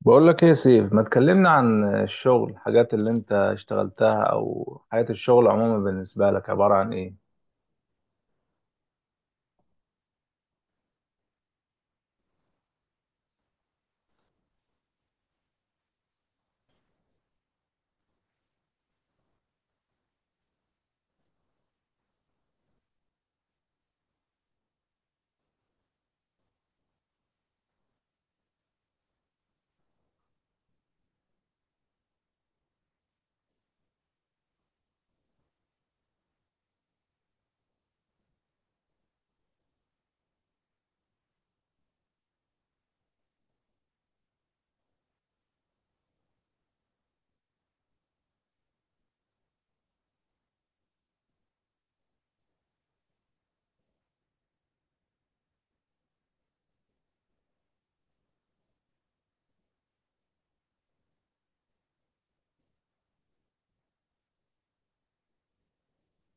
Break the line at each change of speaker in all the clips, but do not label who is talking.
بقول لك ايه يا سيف؟ ما تكلمنا عن الشغل، الحاجات اللي انت اشتغلتها او حياة الشغل عموما بالنسبة لك عبارة عن ايه؟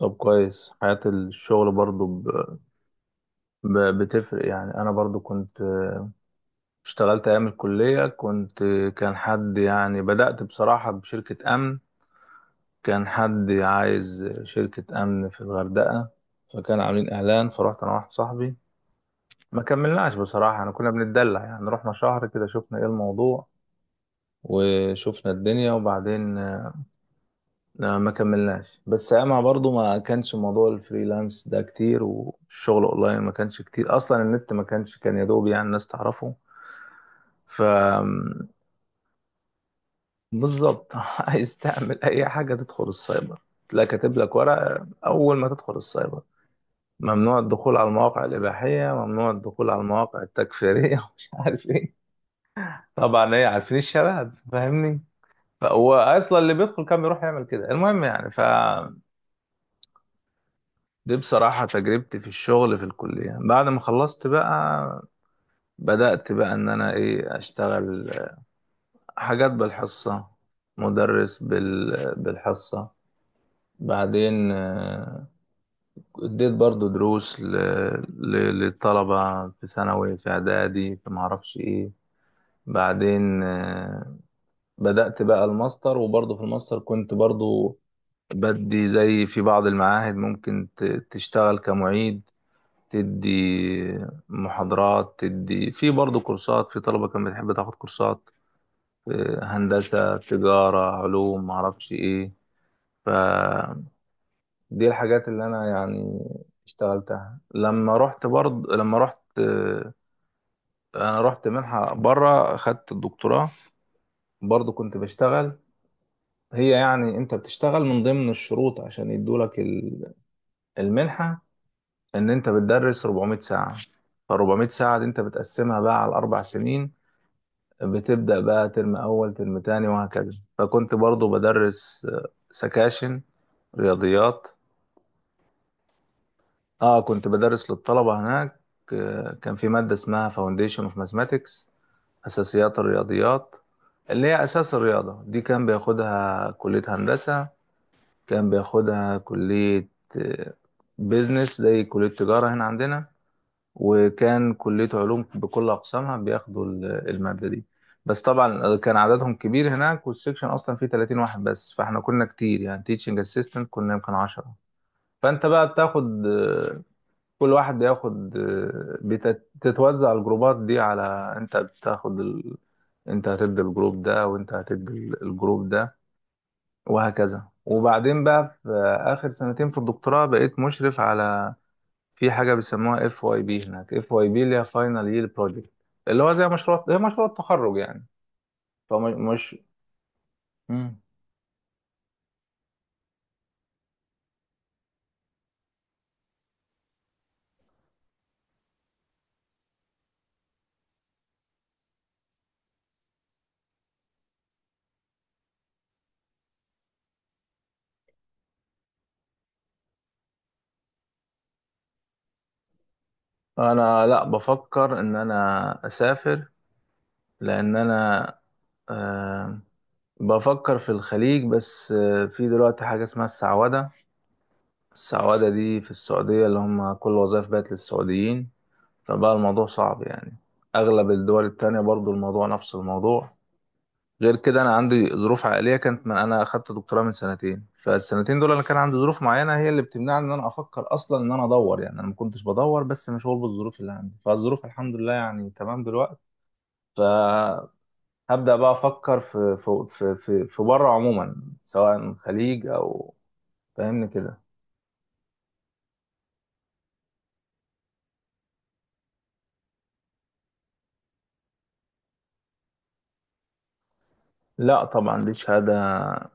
طب كويس، حياة الشغل برضو بتفرق. يعني انا برضو كنت اشتغلت ايام الكلية، كنت كان حد يعني بدأت بصراحة بشركة امن. كان حد عايز شركة امن في الغردقة، فكان عاملين اعلان، فرحت انا واحد صاحبي. ما كملناش بصراحة، انا كنا بنتدلع يعني، رحنا شهر كده شفنا ايه الموضوع وشفنا الدنيا، وبعدين ما كملناش. بس اما برضو ما كانش موضوع الفريلانس ده كتير، والشغل اونلاين ما كانش كتير اصلا، النت ما كانش، كان يا دوب يعني الناس تعرفه. ف بالظبط عايز تعمل اي حاجه تدخل السايبر، تلاقي كاتب لك ورقه اول ما تدخل السايبر: ممنوع الدخول على المواقع الاباحيه، ممنوع الدخول على المواقع التكفيريه ومش عارف ايه. طبعا ايه، عارفين الشباب، فاهمني. فهو اصلا اللي بيدخل كان بيروح يعمل كده. المهم يعني ف، دي بصراحة تجربتي في الشغل في الكلية. بعد ما خلصت بقى، بدأت بقى إن أنا إيه أشتغل حاجات بالحصة، مدرس بالحصة. بعدين اديت برضو دروس ل... للطلبة في ثانوي في إعدادي في معرفش إيه. بعدين بدأت بقى الماستر، وبرضو في الماستر كنت برضو بدي، زي في بعض المعاهد ممكن تشتغل كمعيد، تدي محاضرات، تدي في برضه كورسات في طلبة كانت بتحب تاخد كورسات. هندسة تجارة علوم معرفش ايه. فدي الحاجات اللي انا يعني اشتغلتها. لما رحت برضه، لما رحت آه، انا رحت منحة بره، خدت الدكتوراه، برضه كنت بشتغل. هي يعني انت بتشتغل من ضمن الشروط عشان يدولك المنحة، ان انت بتدرس 400 ساعة. ف 400 ساعة دي انت بتقسمها بقى على الاربع سنين، بتبدأ بقى ترم أول ترم تاني وهكذا. فكنت برضو بدرس سكاشن رياضيات. اه كنت بدرس للطلبة هناك. كان في مادة اسمها Foundation of Mathematics، أساسيات الرياضيات، اللي هي أساس الرياضة دي. كان بياخدها كلية هندسة، كان بياخدها كلية آه، بيزنس زي كلية تجارة هنا عندنا، وكان كلية علوم بكل أقسامها بياخدوا المادة دي. بس طبعا كان عددهم كبير هناك، والسكشن أصلا فيه 30 واحد بس، فاحنا كنا كتير يعني، تيتشنج اسيستنت كنا يمكن 10. فأنت بقى بتاخد كل واحد بياخد بتتوزع الجروبات دي على، أنت بتاخد أنت هتدي الجروب ده، وأنت هتدي الجروب ده وهكذا. وبعدين بقى في آخر سنتين في الدكتوراه بقيت مشرف على، في حاجه بيسموها اف واي بي هناك، اف واي بي اللي هي فاينل يير بروجكت، اللي هو زي مشروع، هي مشروع التخرج يعني. فمش مم. انا لا بفكر ان انا اسافر، لان انا آه بفكر في الخليج. بس آه في دلوقتي حاجه اسمها السعوده، السعوده دي في السعوديه، اللي هم كل وظائف بقت للسعوديين، فبقى الموضوع صعب يعني. اغلب الدول التانية برضو الموضوع نفس الموضوع. غير كده انا عندي ظروف عائليه، كانت من انا اخدت دكتوراه من سنتين، فالسنتين دول انا كان عندي ظروف معينه هي اللي بتمنعني ان انا افكر اصلا ان انا ادور. يعني انا ما كنتش بدور، بس مشغول بالظروف اللي عندي. فالظروف الحمد لله يعني تمام دلوقتي، فهبدا بقى افكر في بره عموما، سواء خليج او، فاهمني كده. لا طبعا دي شهاده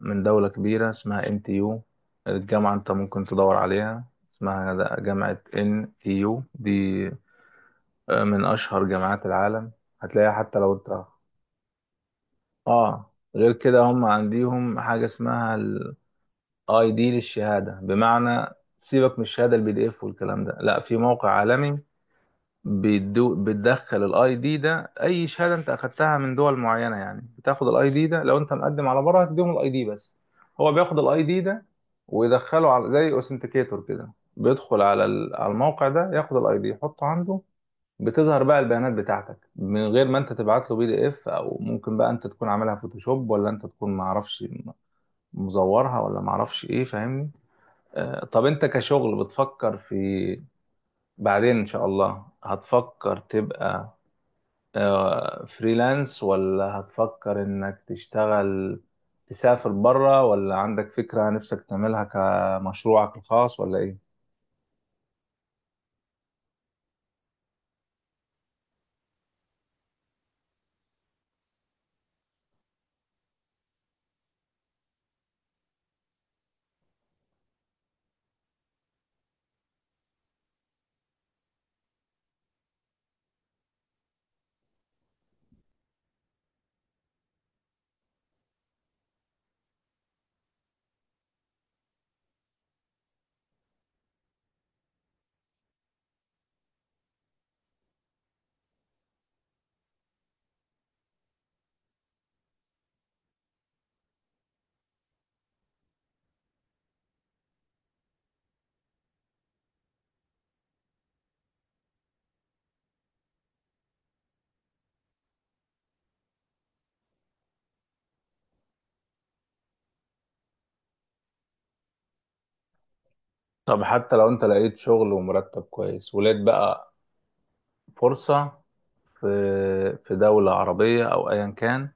من دوله كبيره اسمها ان تي يو، الجامعه انت ممكن تدور عليها، اسمها جامعه ان تي يو دي من أشهر جامعات العالم، هتلاقيها حتى لو أنت. آه غير كده هم عنديهم حاجة اسمها الاي دي للشهادة، بمعنى سيبك من الشهادة البي دي اف والكلام ده، لا في موقع عالمي بيدو، بتدخل الاي دي ده، اي شهادة انت اخدتها من دول معينة يعني بتاخد الاي دي ده، لو انت مقدم على بره هتديهم الاي دي بس، هو بياخد الاي دي ده ويدخله على زي اوثنتيكيتور كده، بيدخل على على الموقع ده، ياخد الاي دي يحطه عنده، بتظهر بقى البيانات بتاعتك، من غير ما انت تبعت له بي دي اف، او ممكن بقى انت تكون عاملها فوتوشوب ولا انت تكون معرفش مزورها ولا معرفش ايه، فاهمني. آه طب انت كشغل بتفكر في، بعدين ان شاء الله هتفكر تبقى آه فريلانس، ولا هتفكر انك تشتغل، تسافر بره، ولا عندك فكرة نفسك تعملها كمشروعك الخاص ولا ايه؟ طب حتى لو انت لقيت شغل ومرتب كويس، ولقيت بقى فرصة في في دولة عربية أو أيا كان،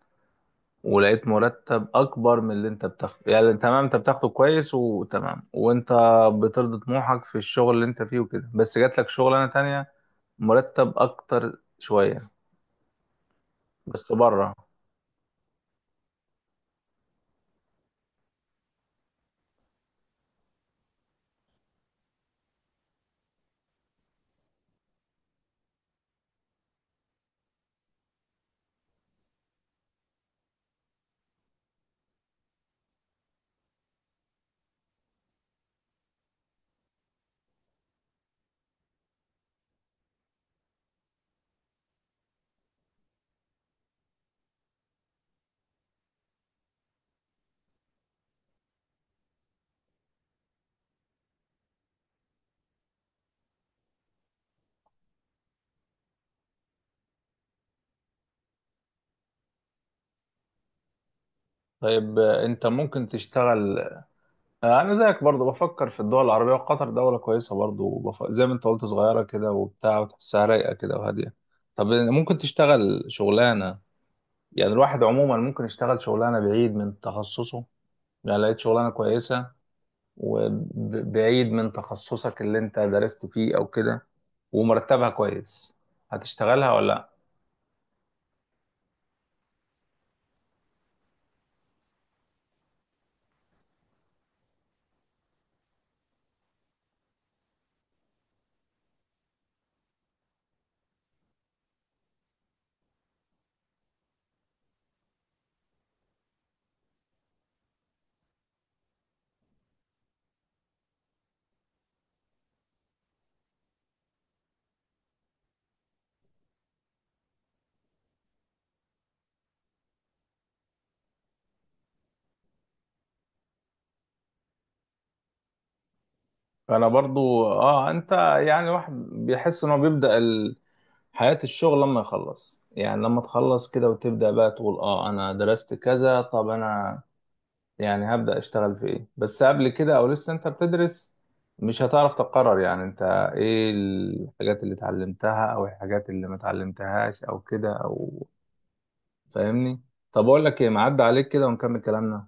ولقيت مرتب أكبر من اللي أنت بتاخده، يعني تمام أنت بتاخده كويس وتمام، وأنت بترضي طموحك في الشغل اللي أنت فيه وكده، بس جات لك شغلانة تانية مرتب أكتر شوية، بس بره. طيب أنت ممكن تشتغل، أنا زيك برضو بفكر في الدول العربية، وقطر دولة كويسة برضو، زي ما أنت قلت صغيرة كده وبتاع وتحسها رايقة كده وهادية. طب ممكن تشتغل شغلانة، يعني الواحد عموما ممكن يشتغل شغلانة بعيد من تخصصه، يعني لقيت شغلانة كويسة وبعيد من تخصصك اللي انت درست فيه او كده، ومرتبها كويس، هتشتغلها ولا؟ لا انا برضو اه انت، يعني الواحد بيحس ان هو بيبدأ حياة الشغل لما يخلص. يعني لما تخلص كده وتبدأ بقى تقول اه انا درست كذا، طب انا يعني هبدأ اشتغل في ايه؟ بس قبل كده او لسه انت بتدرس، مش هتعرف تقرر يعني انت ايه الحاجات اللي اتعلمتها او الحاجات اللي ما اتعلمتهاش او كده او، فاهمني. طب اقول لك ايه، معدي عليك كده ونكمل كلامنا.